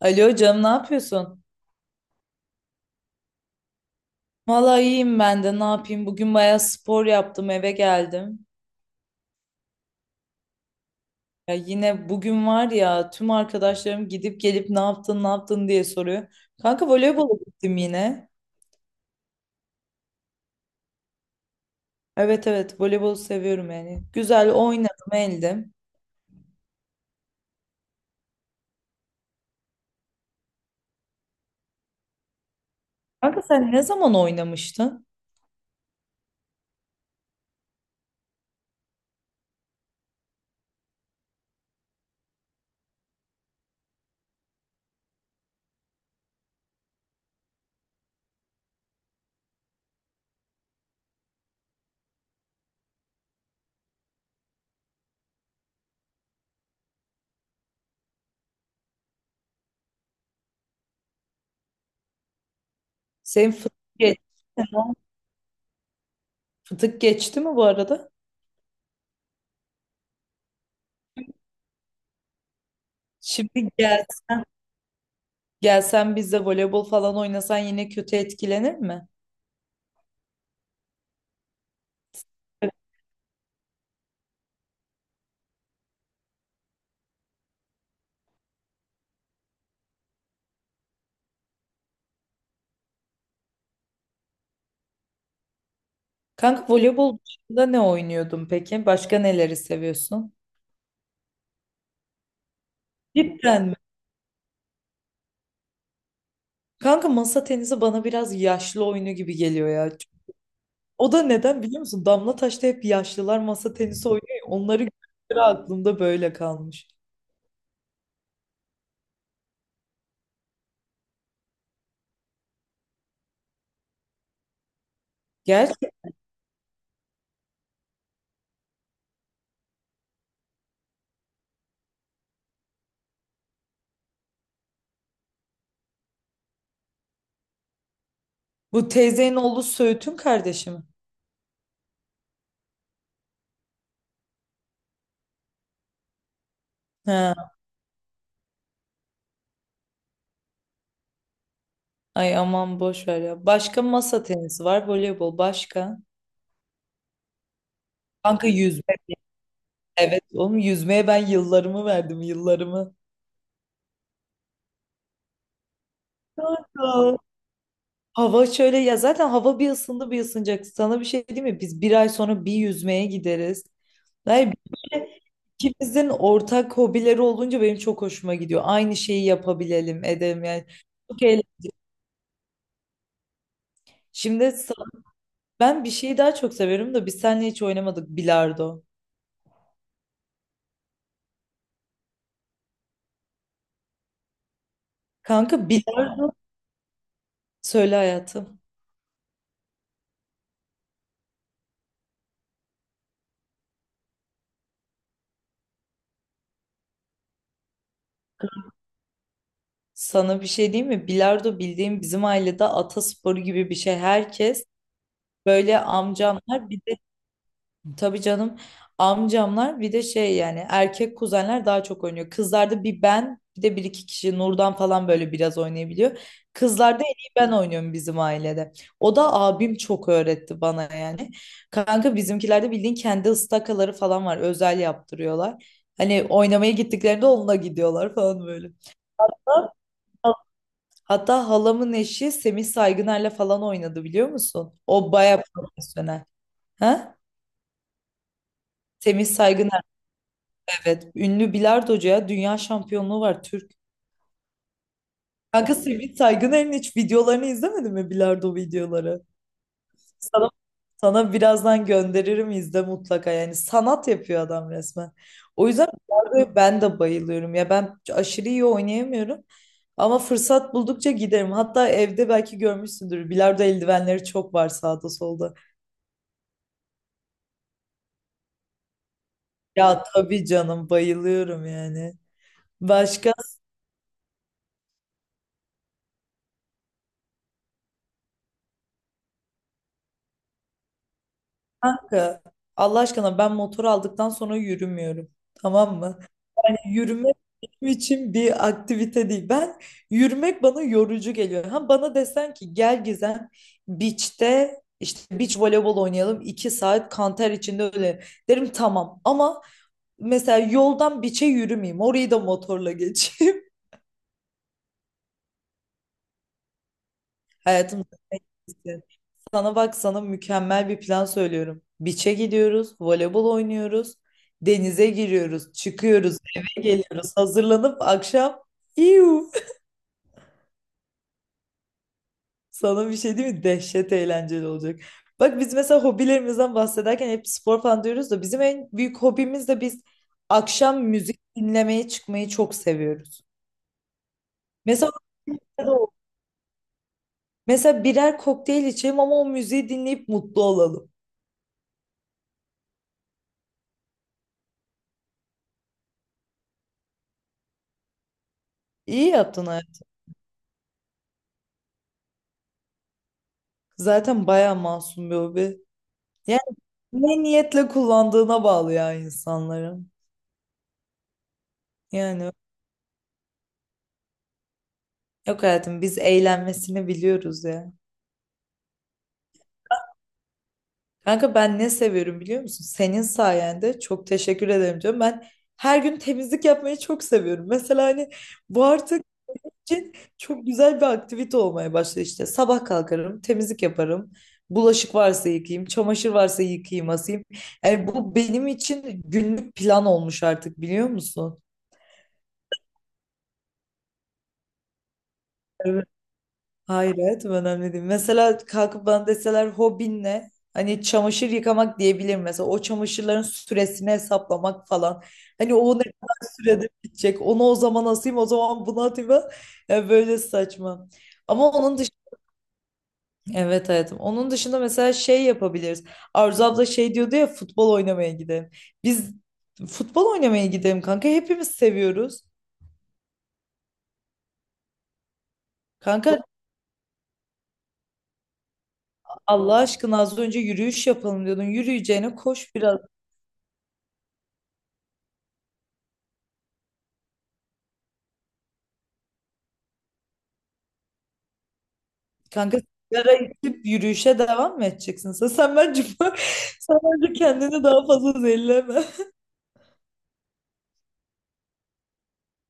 Alo canım ne yapıyorsun? Vallahi iyiyim ben de ne yapayım? Bugün bayağı spor yaptım eve geldim. Ya yine bugün var ya tüm arkadaşlarım gidip gelip ne yaptın ne yaptın diye soruyor. Kanka voleybola gittim yine. Evet evet voleybolu seviyorum yani. Güzel oynadım eldim. Kanka sen ne zaman oynamıştın? Senin fıtık, ge- fıtık geçti mi bu arada? Şimdi gel. Gelsen biz de voleybol falan oynasan yine kötü etkilenir mi? Kanka voleybol dışında ne oynuyordun peki? Başka neleri seviyorsun? Cidden mi? Kanka masa tenisi bana biraz yaşlı oyunu gibi geliyor ya. O da neden biliyor musun? Damla Taş'ta hep yaşlılar masa tenisi oynuyor ya, onları gördükleri aklımda böyle kalmış. Gel. Bu teyzenin oğlu Söğüt'ün kardeşi mi? Ha, ay aman boş ver ya. Başka masa tenisi var, voleybol başka. Kanka yüzme. Evet oğlum yüzmeye ben yıllarımı verdim yıllarımı. Kanka. Hava şöyle ya, zaten hava bir ısındı bir ısınacak. Sana bir şey diyeyim mi? Biz bir ay sonra bir yüzmeye gideriz. Yani böyle ikimizin ortak hobileri olunca benim çok hoşuma gidiyor. Aynı şeyi yapabilelim, edelim yani. Çok eğlen- Şimdi sa- ben bir şeyi daha çok severim de biz seninle hiç oynamadık bilardo. Kanka bilardo, söyle hayatım. Sana bir şey diyeyim mi? Bilardo bildiğim bizim ailede atasporu gibi bir şey. Herkes böyle amcamlar bir de tabii canım amcamlar bir de şey yani erkek kuzenler daha çok oynuyor. Kızlarda bir ben bir de bir iki kişi Nurdan falan böyle biraz oynayabiliyor. Kızlarda en iyi ben oynuyorum bizim ailede. O da abim çok öğretti bana yani. Kanka bizimkilerde bildiğin kendi ıstakaları falan var. Özel yaptırıyorlar. Hani oynamaya gittiklerinde onunla gidiyorlar falan böyle. Hatta hatta halamın eşi Semih Saygıner'le falan oynadı biliyor musun? O baya profesyonel. Ha? Semih Saygıner evet. Ünlü bilardocuya dünya şampiyonluğu var Türk. Kanka Semih Saygıner'in hiç videolarını izlemedin mi, bilardo videoları? Sana, sana birazdan gönderirim, izle mutlaka, yani sanat yapıyor adam resmen. O yüzden bilardoya ben de bayılıyorum ya, ben aşırı iyi oynayamıyorum ama fırsat buldukça giderim. Hatta evde belki görmüşsündür, bilardo eldivenleri çok var sağda solda. Ya tabii canım, bayılıyorum yani. Başka kanka Allah aşkına ben motor aldıktan sonra yürümüyorum. Tamam mı? Yani yürümek benim için bir aktivite değil. Ben yürümek bana yorucu geliyor. Ha bana desen ki gel Gizem beach'te işte beach voleybol oynayalım, 2 saat kanter içinde, öyle derim tamam. Ama mesela yoldan beach'e yürümeyeyim. Orayı da motorla geçeyim. Hayatımda sana bak, sana mükemmel bir plan söylüyorum. Beach'e gidiyoruz, voleybol oynuyoruz, denize giriyoruz, çıkıyoruz, eve geliyoruz, hazırlanıp akşam İyu. Sana bir şey değil mi? Dehşet eğlenceli olacak. Bak biz mesela hobilerimizden bahsederken hep spor falan diyoruz da bizim en büyük hobimiz de biz akşam müzik dinlemeye çıkmayı çok seviyoruz. Mesela orada o- mesela birer kokteyl içelim ama o müziği dinleyip mutlu olalım. İyi yaptın hayatım. Zaten bayağı masum bir hobi. Ne niyetle kullandığına bağlı ya insanların. Yani yok hayatım, biz eğlenmesini biliyoruz ya. Kanka ben ne seviyorum biliyor musun? Senin sayende, çok teşekkür ederim diyorum. Ben her gün temizlik yapmayı çok seviyorum. Mesela hani bu artık için çok güzel bir aktivite olmaya başladı işte. Sabah kalkarım, temizlik yaparım. Bulaşık varsa yıkayayım, çamaşır varsa yıkayayım, asayım. Yani bu benim için günlük plan olmuş artık, biliyor musun? Hayır hayatım, önemli değil. Mesela kalkıp bana deseler hobin ne? Hani çamaşır yıkamak diyebilirim mesela. O çamaşırların süresini hesaplamak falan. Hani o ne kadar sürede bitecek. Onu o zaman asayım, o zaman bunu atayım falan. Yani böyle saçma. Ama onun dışında evet hayatım. Onun dışında mesela şey yapabiliriz. Arzu abla şey diyordu ya, futbol oynamaya gidelim. Biz futbol oynamaya gidelim kanka. Hepimiz seviyoruz. Kanka Allah aşkına az önce yürüyüş yapalım diyordun. Yürüyeceğine koş biraz. Kanka sigara içip yürüyüşe devam mı edeceksin? Sen bence sen bence kendini daha fazla zehirleme.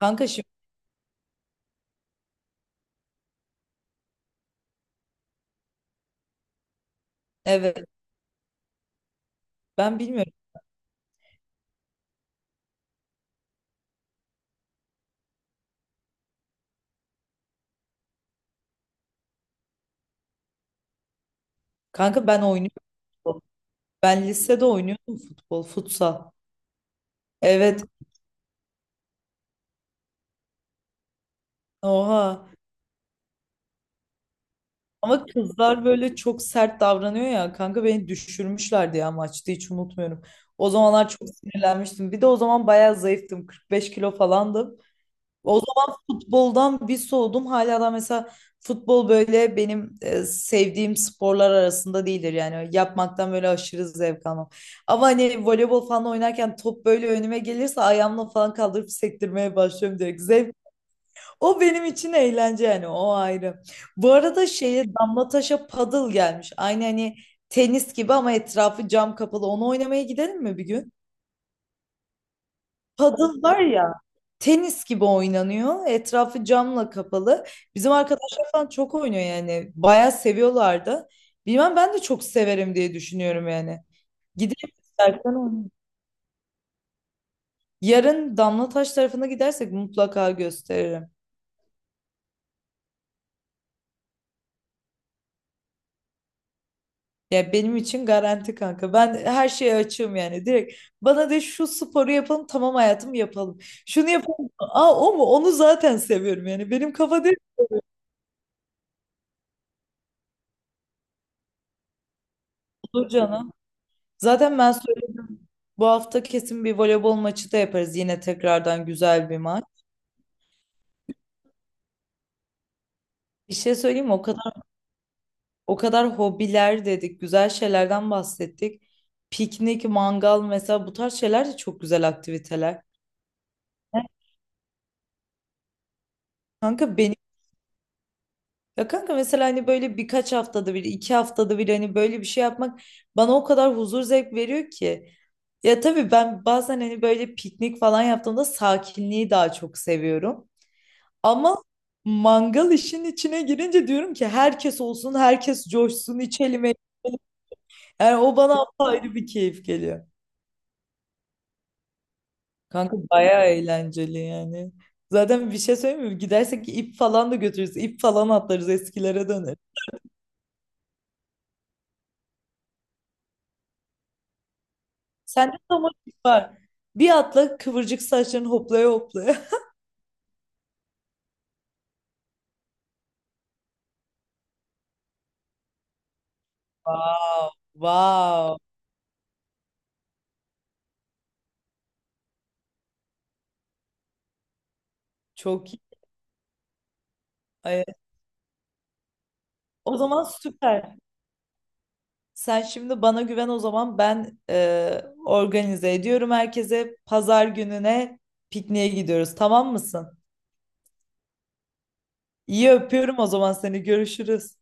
Kanka şimdi evet, ben bilmiyorum. Kanka ben oynuyordum, ben lisede oynuyordum futbol, futsal. Evet. Oha. Ama kızlar böyle çok sert davranıyor ya. Kanka beni düşürmüşlerdi ya maçta, hiç unutmuyorum. O zamanlar çok sinirlenmiştim. Bir de o zaman bayağı zayıftım. 45 kilo falandım. O zaman futboldan bir soğudum. Hala da mesela futbol böyle benim sevdiğim sporlar arasında değildir. Yani yapmaktan böyle aşırı zevk almam. Ama hani voleybol falan oynarken top böyle önüme gelirse ayağımla falan kaldırıp sektirmeye başlıyorum direkt. Zevk. O benim için eğlence yani, o ayrı. Bu arada şeye Damla Taş'a paddle gelmiş. Aynı hani tenis gibi ama etrafı cam kapalı. Onu oynamaya gidelim mi bir gün? Padel var ya, tenis gibi oynanıyor. Etrafı camla kapalı. Bizim arkadaşlar falan çok oynuyor yani. Bayağı seviyorlar da. Bilmem, ben de çok severim diye düşünüyorum yani. Gidelim istersen oynayalım. Yarın Damlataş tarafına gidersek mutlaka gösteririm. Ya benim için garanti kanka. Ben her şeye açığım yani. Direkt bana de şu sporu yapalım, tamam hayatım yapalım. Şunu yapalım. Aa o mu? Onu zaten seviyorum yani. Benim kafa değil. Olur canım. Zaten ben söyledim. Bu hafta kesin bir voleybol maçı da yaparız. Yine tekrardan güzel bir maç. Bir şey söyleyeyim mi? O kadar hobiler dedik, güzel şeylerden bahsettik. Piknik, mangal mesela, bu tarz şeyler de çok güzel aktiviteler. Evet. Kanka benim, ya kanka mesela hani böyle birkaç haftada bir, 2 haftada bir hani böyle bir şey yapmak bana o kadar huzur zevk veriyor ki. Ya tabii ben bazen hani böyle piknik falan yaptığımda sakinliği daha çok seviyorum. Ama mangal işin içine girince diyorum ki herkes olsun, herkes coşsun, içelim, eğlenelim. Yani o bana ayrı bir keyif geliyor. Kanka bayağı eğlenceli yani. Zaten bir şey söyleyeyim mi? Gidersek ip falan da götürürüz. İp falan atlarız, eskilere döneriz. Sende tam o ip var. Bir atla, kıvırcık saçların hoplaya hoplaya. Wow, wow. Çok iyi. Ay, o zaman süper. Sen şimdi bana güven, o zaman ben organize ediyorum herkese. Pazar gününe pikniğe gidiyoruz, tamam mısın? İyi, öpüyorum o zaman seni, görüşürüz.